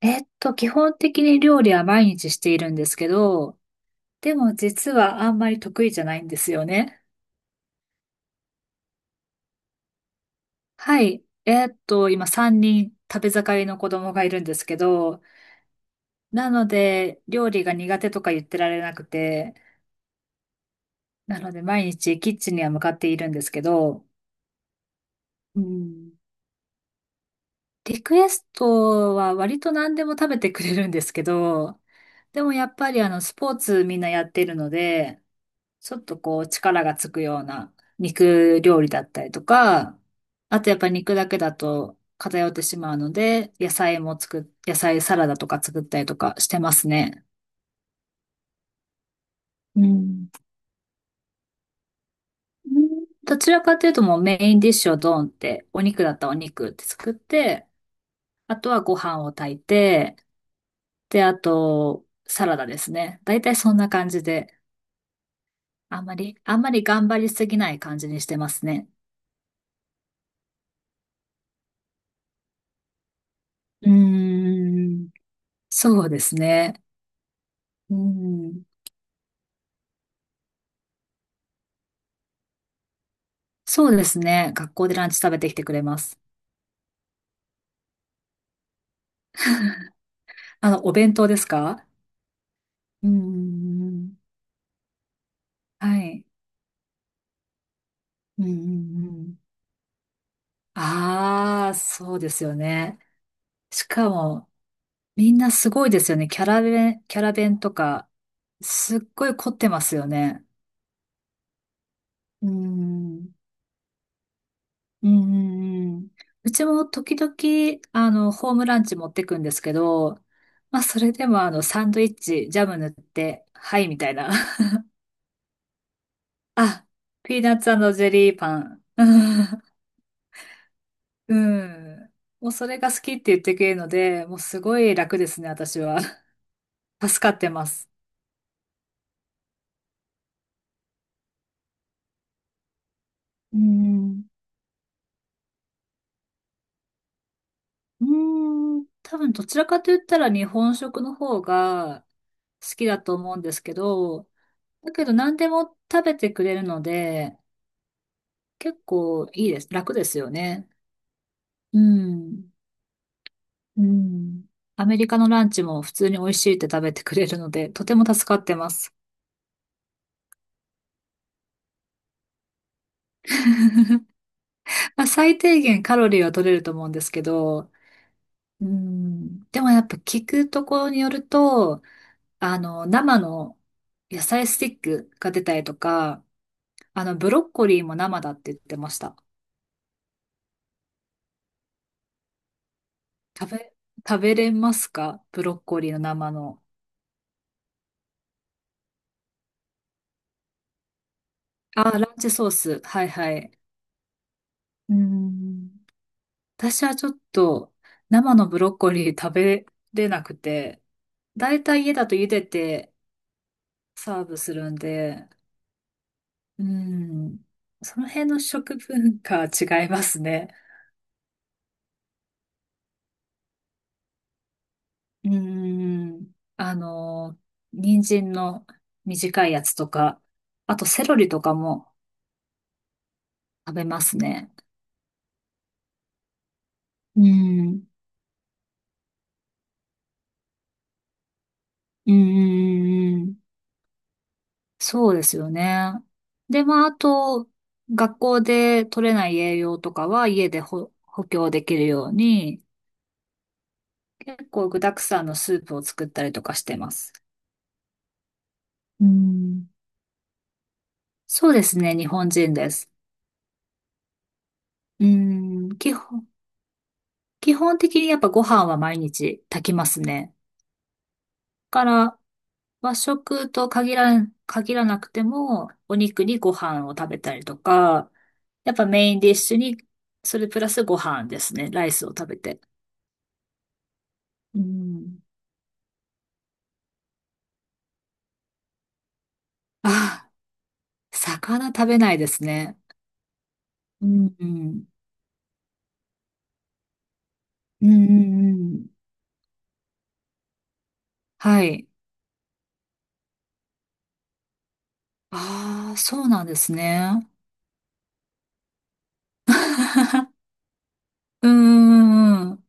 基本的に料理は毎日しているんですけど、でも実はあんまり得意じゃないんですよね。はい。今3人食べ盛りの子供がいるんですけど、なので料理が苦手とか言ってられなくて、なので毎日キッチンには向かっているんですけど、うん、リクエストは割と何でも食べてくれるんですけど、でもやっぱりスポーツみんなやってるので、ちょっとこう力がつくような肉料理だったりとか、あとやっぱり肉だけだと偏ってしまうので、野菜も作っ、野菜サラダとか作ったりとかしてますね。うん。どちらかというともうメインディッシュをドーンって、お肉だったらお肉って作って、あとはご飯を炊いて、で、あと、サラダですね。だいたいそんな感じで、あんまり頑張りすぎない感じにしてますね。うーん。そうですね。うん。そうですね。学校でランチ食べてきてくれます。お弁当ですか？うん、うん、うん、はい。うん、うん、うん、ああ、そうですよね。しかも、みんなすごいですよね。キャラ弁、キャラ弁とか、すっごい凝ってますよね。ううん、うん、うん、うん。うちも時々、ホームランチ持ってくんですけど、まあ、それでもサンドイッチ、ジャム塗って、はい、みたいな。あ、ピーナッツジェリーパン。うん。もうそれが好きって言ってくれるので、もうすごい楽ですね、私は。助かってます。うん。うーん。多分どちらかと言ったら日本食の方が好きだと思うんですけど、だけど何でも食べてくれるので、結構いいです。楽ですよね。うん。うん。アメリカのランチも普通に美味しいって食べてくれるので、とても助かってます。まあ、最低限カロリーは取れると思うんですけど、うん、でもやっぱ聞くところによると、生の野菜スティックが出たりとか、ブロッコリーも生だって言ってました。食べ、食べれますか？ブロッコリーの生の。あ、ランチソース。はいはい。うん、私はちょっと生のブロッコリー食べれなくて、だいたい家だと茹でてサーブするんで、うん。その辺の食文化は違いますね。うん。あの、人参の短いやつとか、あとセロリとかも食べますね。うん。うん、うん、うん、そうですよね。で、まあ、あと、学校で取れない栄養とかは家で補強できるように、結構具沢山のスープを作ったりとかしてます。うん。うん、そうですね、日本人です。うーん、基本的にやっぱご飯は毎日炊きますね。から、和食と限らなくても、お肉にご飯を食べたりとか、やっぱメインディッシュに、それプラスご飯ですね。ライスを食べて。うん。あ、魚食べないですね。うん、うん。うん、うん、うん。はい。ああ、そうなんですね。うん、うん、うん。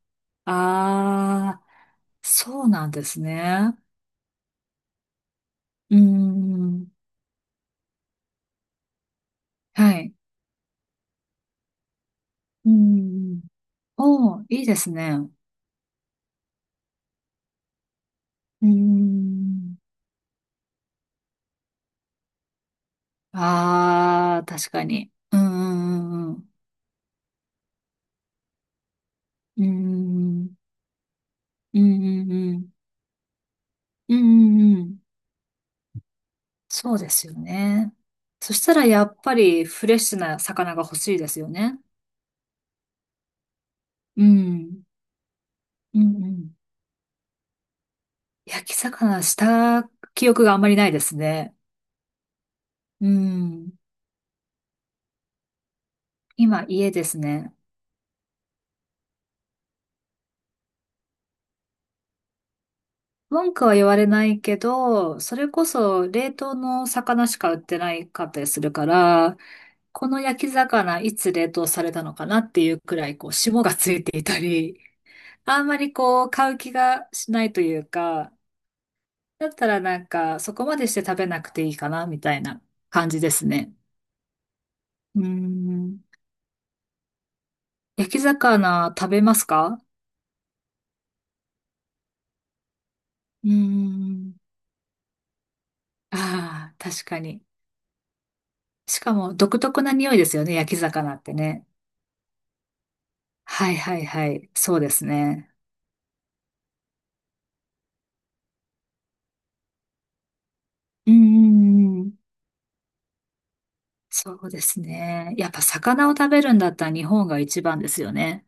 ああ。そうなんですね。うーん。はい。うーん。おー、いいですね。うーん。ああ、確かに。うーん。うーん。うーん。うーん。うーん。うん、そうですよね。そしたらやっぱりフレッシュな魚が欲しいですよね。うん。うん。うん。焼き魚した記憶があんまりないですね。うん。今、家ですね。文句は言われないけど、それこそ冷凍の魚しか売ってないかったりするから、この焼き魚いつ冷凍されたのかなっていうくらい、こう、霜がついていたり、あんまりこう、買う気がしないというか、だったらなんか、そこまでして食べなくていいかな、みたいな感じですね。うーん。焼き魚食べますか？うーん。ああ、確かに。しかも独特な匂いですよね、焼き魚ってね。はい、はい、はい。そうですね。うん、うん、うん。そうですね。やっぱ魚を食べるんだったら日本が一番ですよね。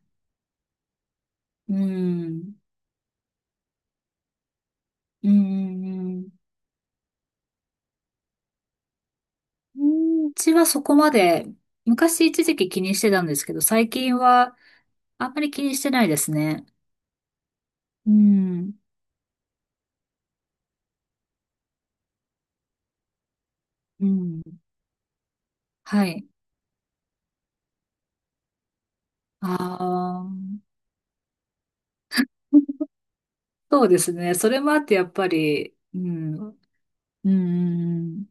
うん。うん、うん、うん。うちはそこまで、昔一時期気にしてたんですけど、最近はあんまり気にしてないですね。うん。うん。はい。ああ。そうですね。それもあってやっぱり、うん。うん、うん、うん。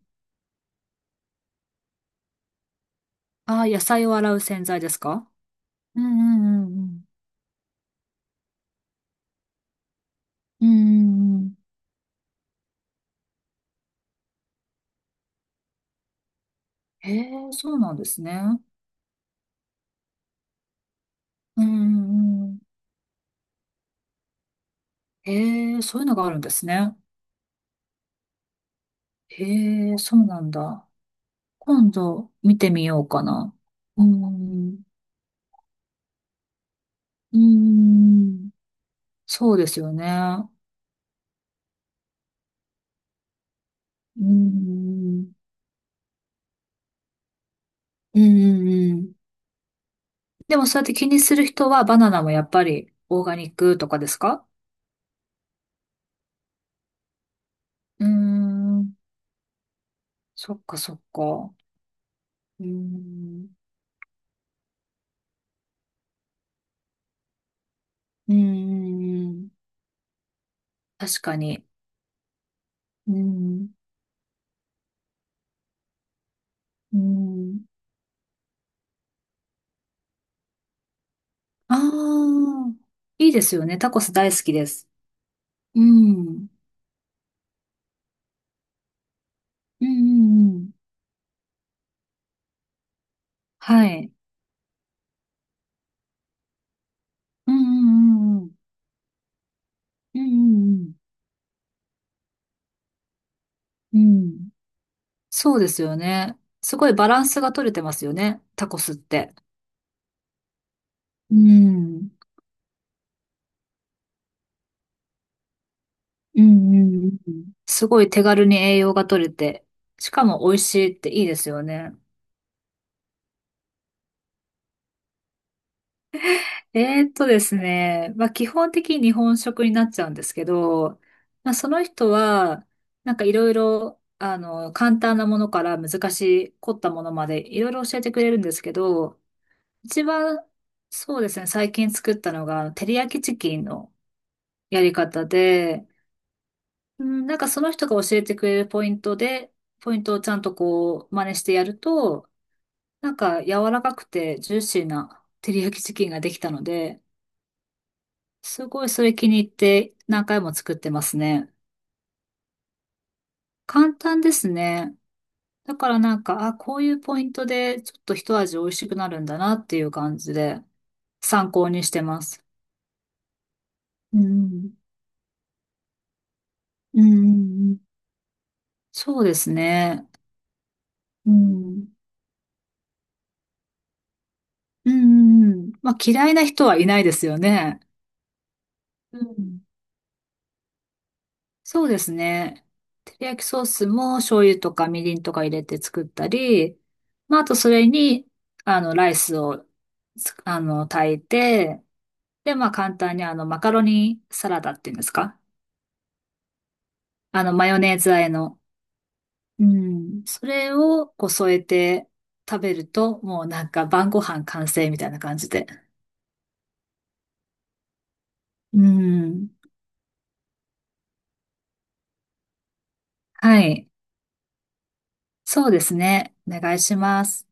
ああ、野菜を洗う洗剤ですか？うん、うん、うん、うん。うん。へえ、そうなんですね。うん、うん、へえ、そういうのがあるんですね。へえ、そうなんだ。今度見てみようかな。うん。うん。そうですよね。うん。うん、うん、うん、でもそうやって気にする人はバナナもやっぱりオーガニックとかですか？うーん。そっかそっか。うーん。うーん。確かに。うーん。うーん。ああ、いいですよね。タコス大好きです。うん。うん、うん、うん。はい。うん、うん、うん、うん。うん、うん、うん。うん、そうですよね。すごいバランスが取れてますよね。タコスって。うん。うん、うん、うん。すごい手軽に栄養が取れて、しかも美味しいっていいですよね。ですね、まあ、基本的に日本食になっちゃうんですけど、まあ、その人は、なんかいろいろ、簡単なものから難しい、凝ったものまでいろいろ教えてくれるんですけど、一番、そうですね、最近作ったのが、照り焼きチキンのやり方で、うん、なんかその人が教えてくれるポイントで、ポイントをちゃんとこう、真似してやると、なんか柔らかくてジューシーな照り焼きチキンができたので、すごいそれ気に入って何回も作ってますね。簡単ですね。だからなんか、あ、こういうポイントでちょっと一味美味しくなるんだなっていう感じで参考にしてます。うん。うん。そうですね。うん。うん。まあ嫌いな人はいないですよね。うん。そうですね。照り焼きソースも醤油とかみりんとか入れて作ったり、まあ、あとそれに、ライスをつ、あの、炊いて、で、まあ、簡単にマカロニサラダっていうんですか？マヨネーズ和えの。うん。それをこう添えて食べると、もうなんか晩ご飯完成みたいな感じで。うん。はい。そうですね。お願いします。